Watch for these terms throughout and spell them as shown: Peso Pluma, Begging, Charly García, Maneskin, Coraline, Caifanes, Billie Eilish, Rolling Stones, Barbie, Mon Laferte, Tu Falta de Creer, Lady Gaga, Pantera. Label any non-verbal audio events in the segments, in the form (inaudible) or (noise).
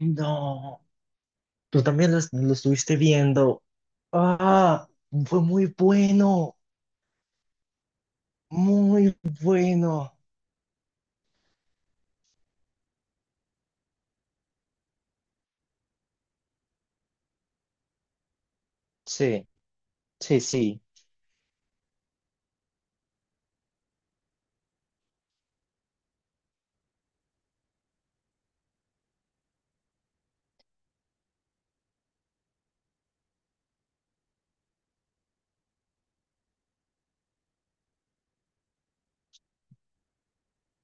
No, tú también lo estuviste viendo. Ah, fue muy bueno, muy bueno. Sí, sí, sí.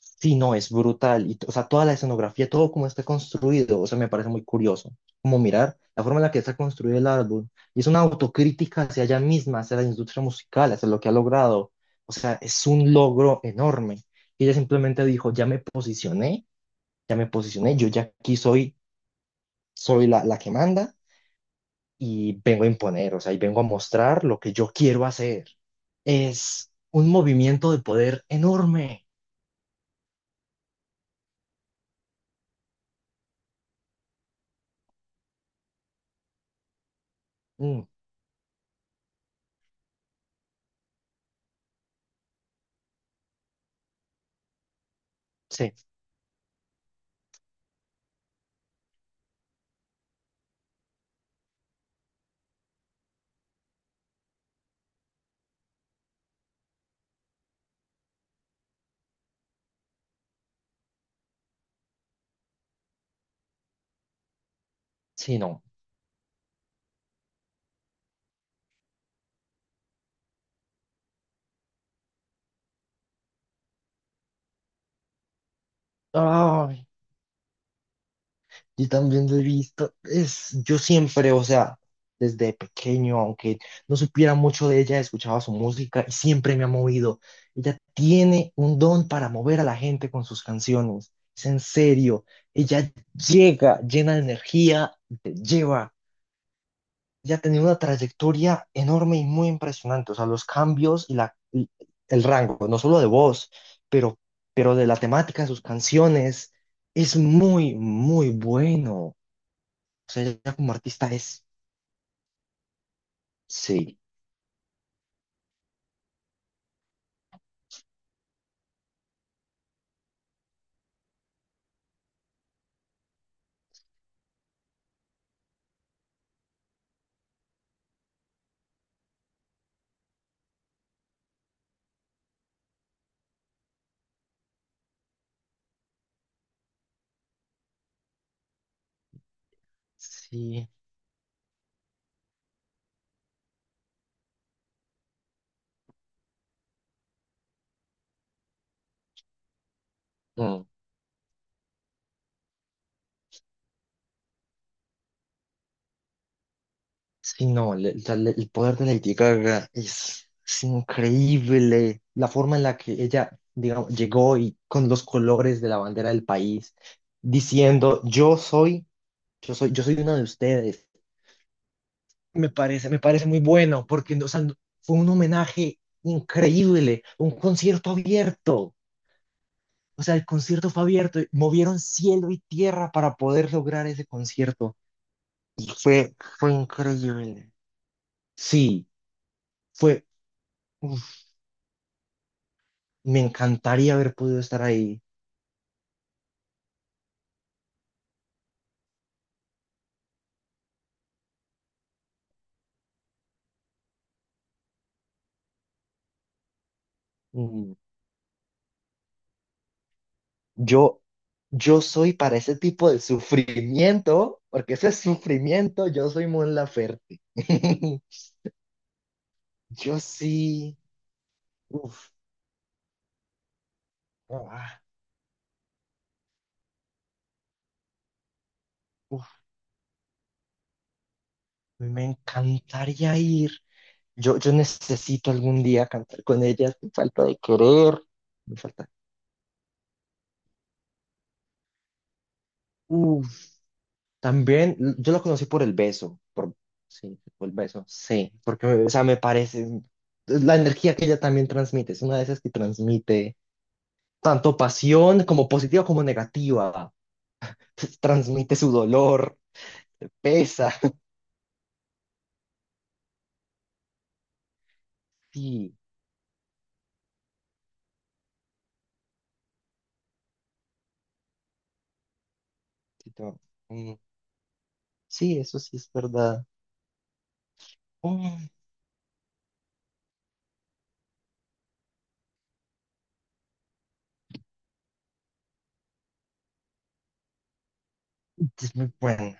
Sí, no, es brutal. O sea, toda la escenografía, todo como está construido, o sea, me parece muy curioso. Como mirar la forma en la que está construido el álbum. Y es una autocrítica hacia ella misma, hacia la industria musical, hacia lo que ha logrado. O sea, es un logro enorme. Y ella simplemente dijo, ya me posicioné, yo ya aquí soy, soy la que manda y vengo a imponer, o sea, y vengo a mostrar lo que yo quiero hacer. Es un movimiento de poder enorme. Mm, sí, sí, no. Ay, yo también lo he visto. Es, yo siempre, o sea, desde pequeño, aunque no supiera mucho de ella, escuchaba su música y siempre me ha movido. Ella tiene un don para mover a la gente con sus canciones. Es en serio. Ella llega llena de energía, y te lleva. Ya tenía una trayectoria enorme y muy impresionante. O sea, los cambios y la, y el rango, no solo de voz, pero, pero de la temática de sus canciones, es muy, muy bueno. O sea, ella como artista es, sí, sí, mm, sí, no, el poder de Lady Gaga es increíble. La forma en la que ella, digamos, llegó y con los colores de la bandera del país, diciendo, yo soy... Yo soy, yo soy una de ustedes. Me parece, me parece muy bueno, porque o sea, fue un homenaje increíble, un concierto abierto. O sea, el concierto fue abierto, y movieron cielo y tierra para poder lograr ese concierto. Y fue, fue increíble. Sí, fue, uf, me encantaría haber podido estar ahí. Mm, Yo, yo soy para ese tipo de sufrimiento, porque ese es sufrimiento, yo soy Mon Laferte. (laughs) Yo sí, uf, ah, uf, me encantaría ir. Yo necesito algún día cantar con ellas. Me falta de querer. Me falta. Uf, también yo la conocí por el beso. Por, sí, por el beso. Sí, porque, o sea, me parece. La energía que ella también transmite. Es una de esas que transmite tanto pasión como positiva como negativa. (laughs) Transmite su dolor. Te pesa. Sí, sí, no, mm, sí, eso sí es verdad. Mm, es muy buena.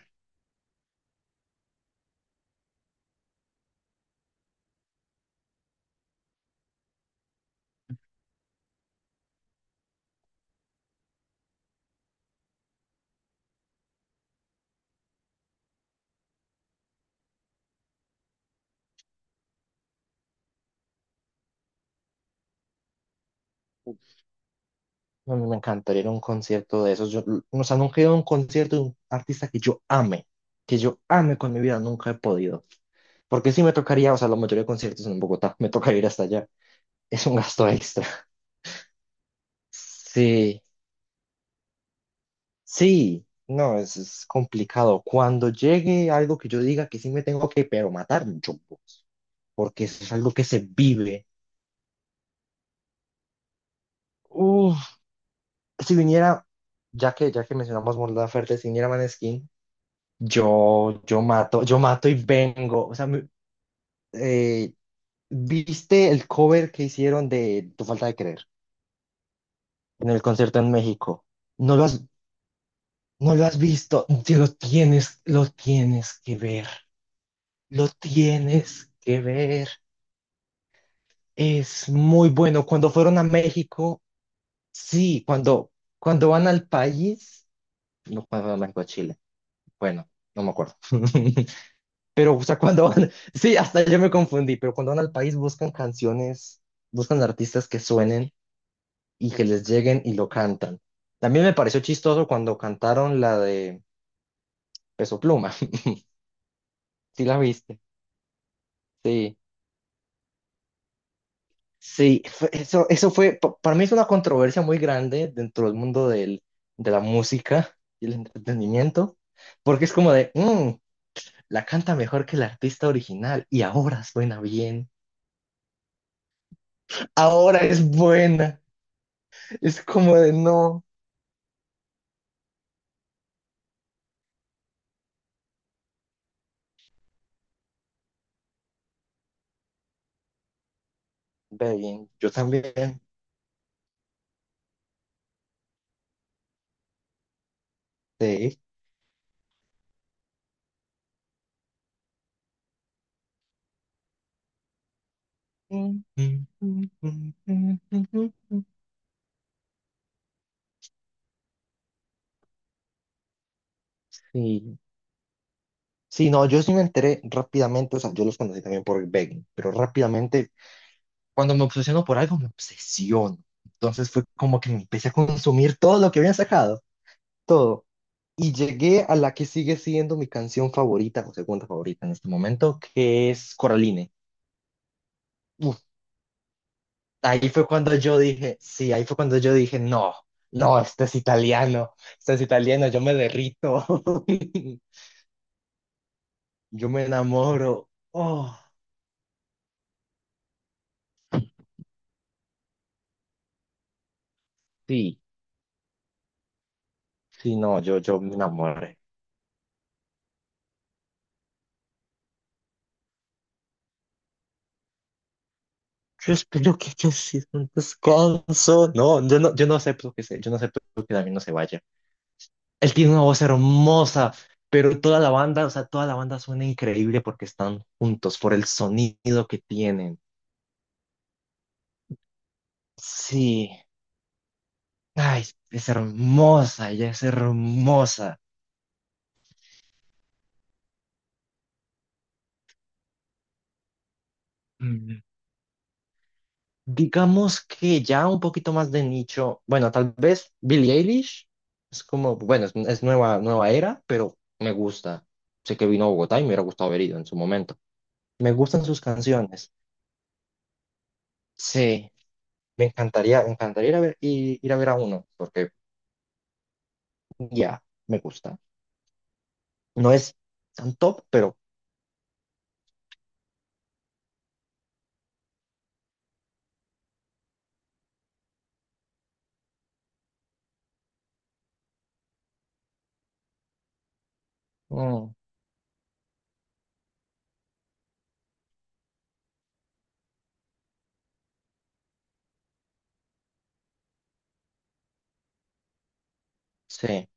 A mí me encantaría ir a un concierto de esos. Yo, o sea, nunca he ido a un concierto de un artista que yo ame con mi vida, nunca he podido. Porque sí me tocaría, o sea, la mayoría de conciertos son en Bogotá, (laughs) me toca ir hasta allá. Es un gasto extra. Sí, sí, no, es complicado. Cuando llegue algo que yo diga que sí me tengo que, pero matar, mucho, porque eso es algo que se vive. Uf, si viniera, ya que mencionamos Mon Laferte, si viniera Maneskin, yo, yo mato y vengo. O sea, eh, ¿viste el cover que hicieron de Tu Falta de Creer en el concierto en México? No lo has, no lo has visto. Lo tienes que ver. Lo tienes que ver. Es muy bueno. Cuando fueron a México, sí, cuando, cuando van al país, no cuando van a México, a Chile. Bueno, no me acuerdo. (laughs) Pero, o sea, cuando van, (laughs) sí, hasta yo me confundí, pero cuando van al país buscan canciones, buscan artistas que suenen y que les lleguen y lo cantan. También me pareció chistoso cuando cantaron la de Peso Pluma. (laughs) Sí, la viste. Sí, sí, eso, eso fue, para mí es una controversia muy grande dentro del mundo del, de la música y el entretenimiento, porque es como de, "Mm, la canta mejor que el artista original y ahora suena bien, ahora es buena". Es como de no. Ve, yo también. Sí. Sí. Sí, no, yo sí me enteré rápidamente, o sea, yo los conocí también por Begging, pero rápidamente, cuando me obsesiono por algo, me obsesiono. Entonces fue como que me empecé a consumir todo lo que habían sacado, todo. Y llegué a la que sigue siendo mi canción favorita o segunda favorita en este momento, que es Coraline. Ahí fue cuando yo dije, sí, ahí fue cuando yo dije, no, no, este es italiano, yo me derrito, (laughs) yo me enamoro. Oh, sí, sí, no, yo me enamoré. Yo espero que haya sido un descanso. No, yo no, yo no acepto que se, yo no acepto que David no se vaya. Él tiene una voz hermosa, pero toda la banda, o sea, toda la banda suena increíble porque están juntos por el sonido que tienen. Sí. Ay, es hermosa, ella es hermosa. Mm, digamos que ya un poquito más de nicho. Bueno, tal vez Billie Eilish es como, bueno, es nueva, nueva era, pero me gusta. Sé que vino a Bogotá y me hubiera gustado haber ido en su momento. Me gustan sus canciones. Sí, me encantaría ir a ver, ir a ver a uno, porque ya, me gusta. No es tan top, pero mm, sí,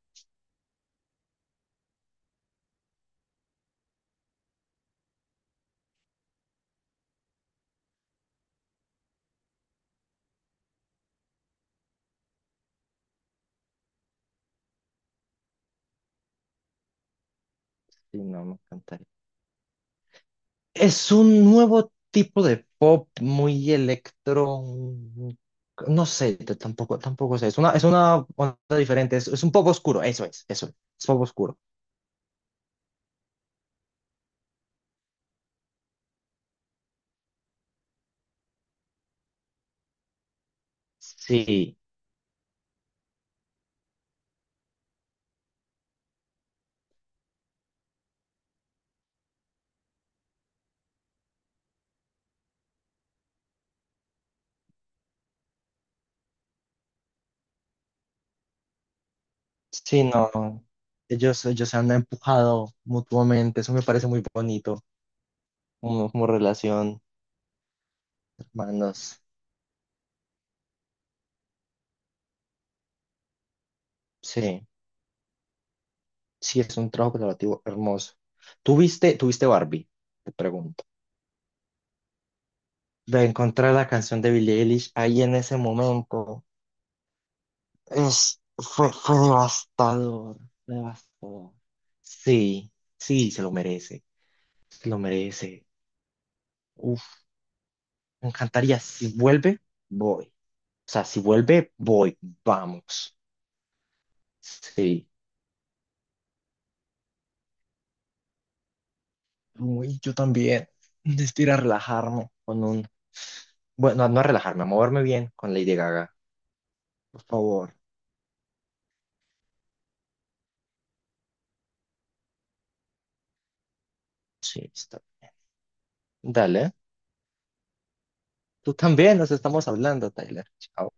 sí, no, me encantaría. Es un nuevo tipo de pop muy electro, un- no sé, tampoco, tampoco sé. Es una onda diferente, es un pop oscuro, eso es pop oscuro. Sí, sí, no. Ellos se han empujado mutuamente, eso me parece muy bonito, como, como relación, hermanos. Sí, sí, es un trabajo colaborativo hermoso. ¿Tú viste? ¿Tuviste, viste Barbie? Te pregunto. De encontrar la canción de Billie Eilish ahí en ese momento. Es, fue, fue devastador, devastador. Sí, sí, se lo merece, se lo merece. Uf, me encantaría. Si vuelve, voy. O sea, si vuelve, voy, vamos. Sí. Uy, yo también. Necesito ir a relajarme con un... Bueno, no a relajarme, a moverme bien con Lady Gaga. Por favor. Sí, está. Dale. Tú también, nos estamos hablando, Tyler. Chao.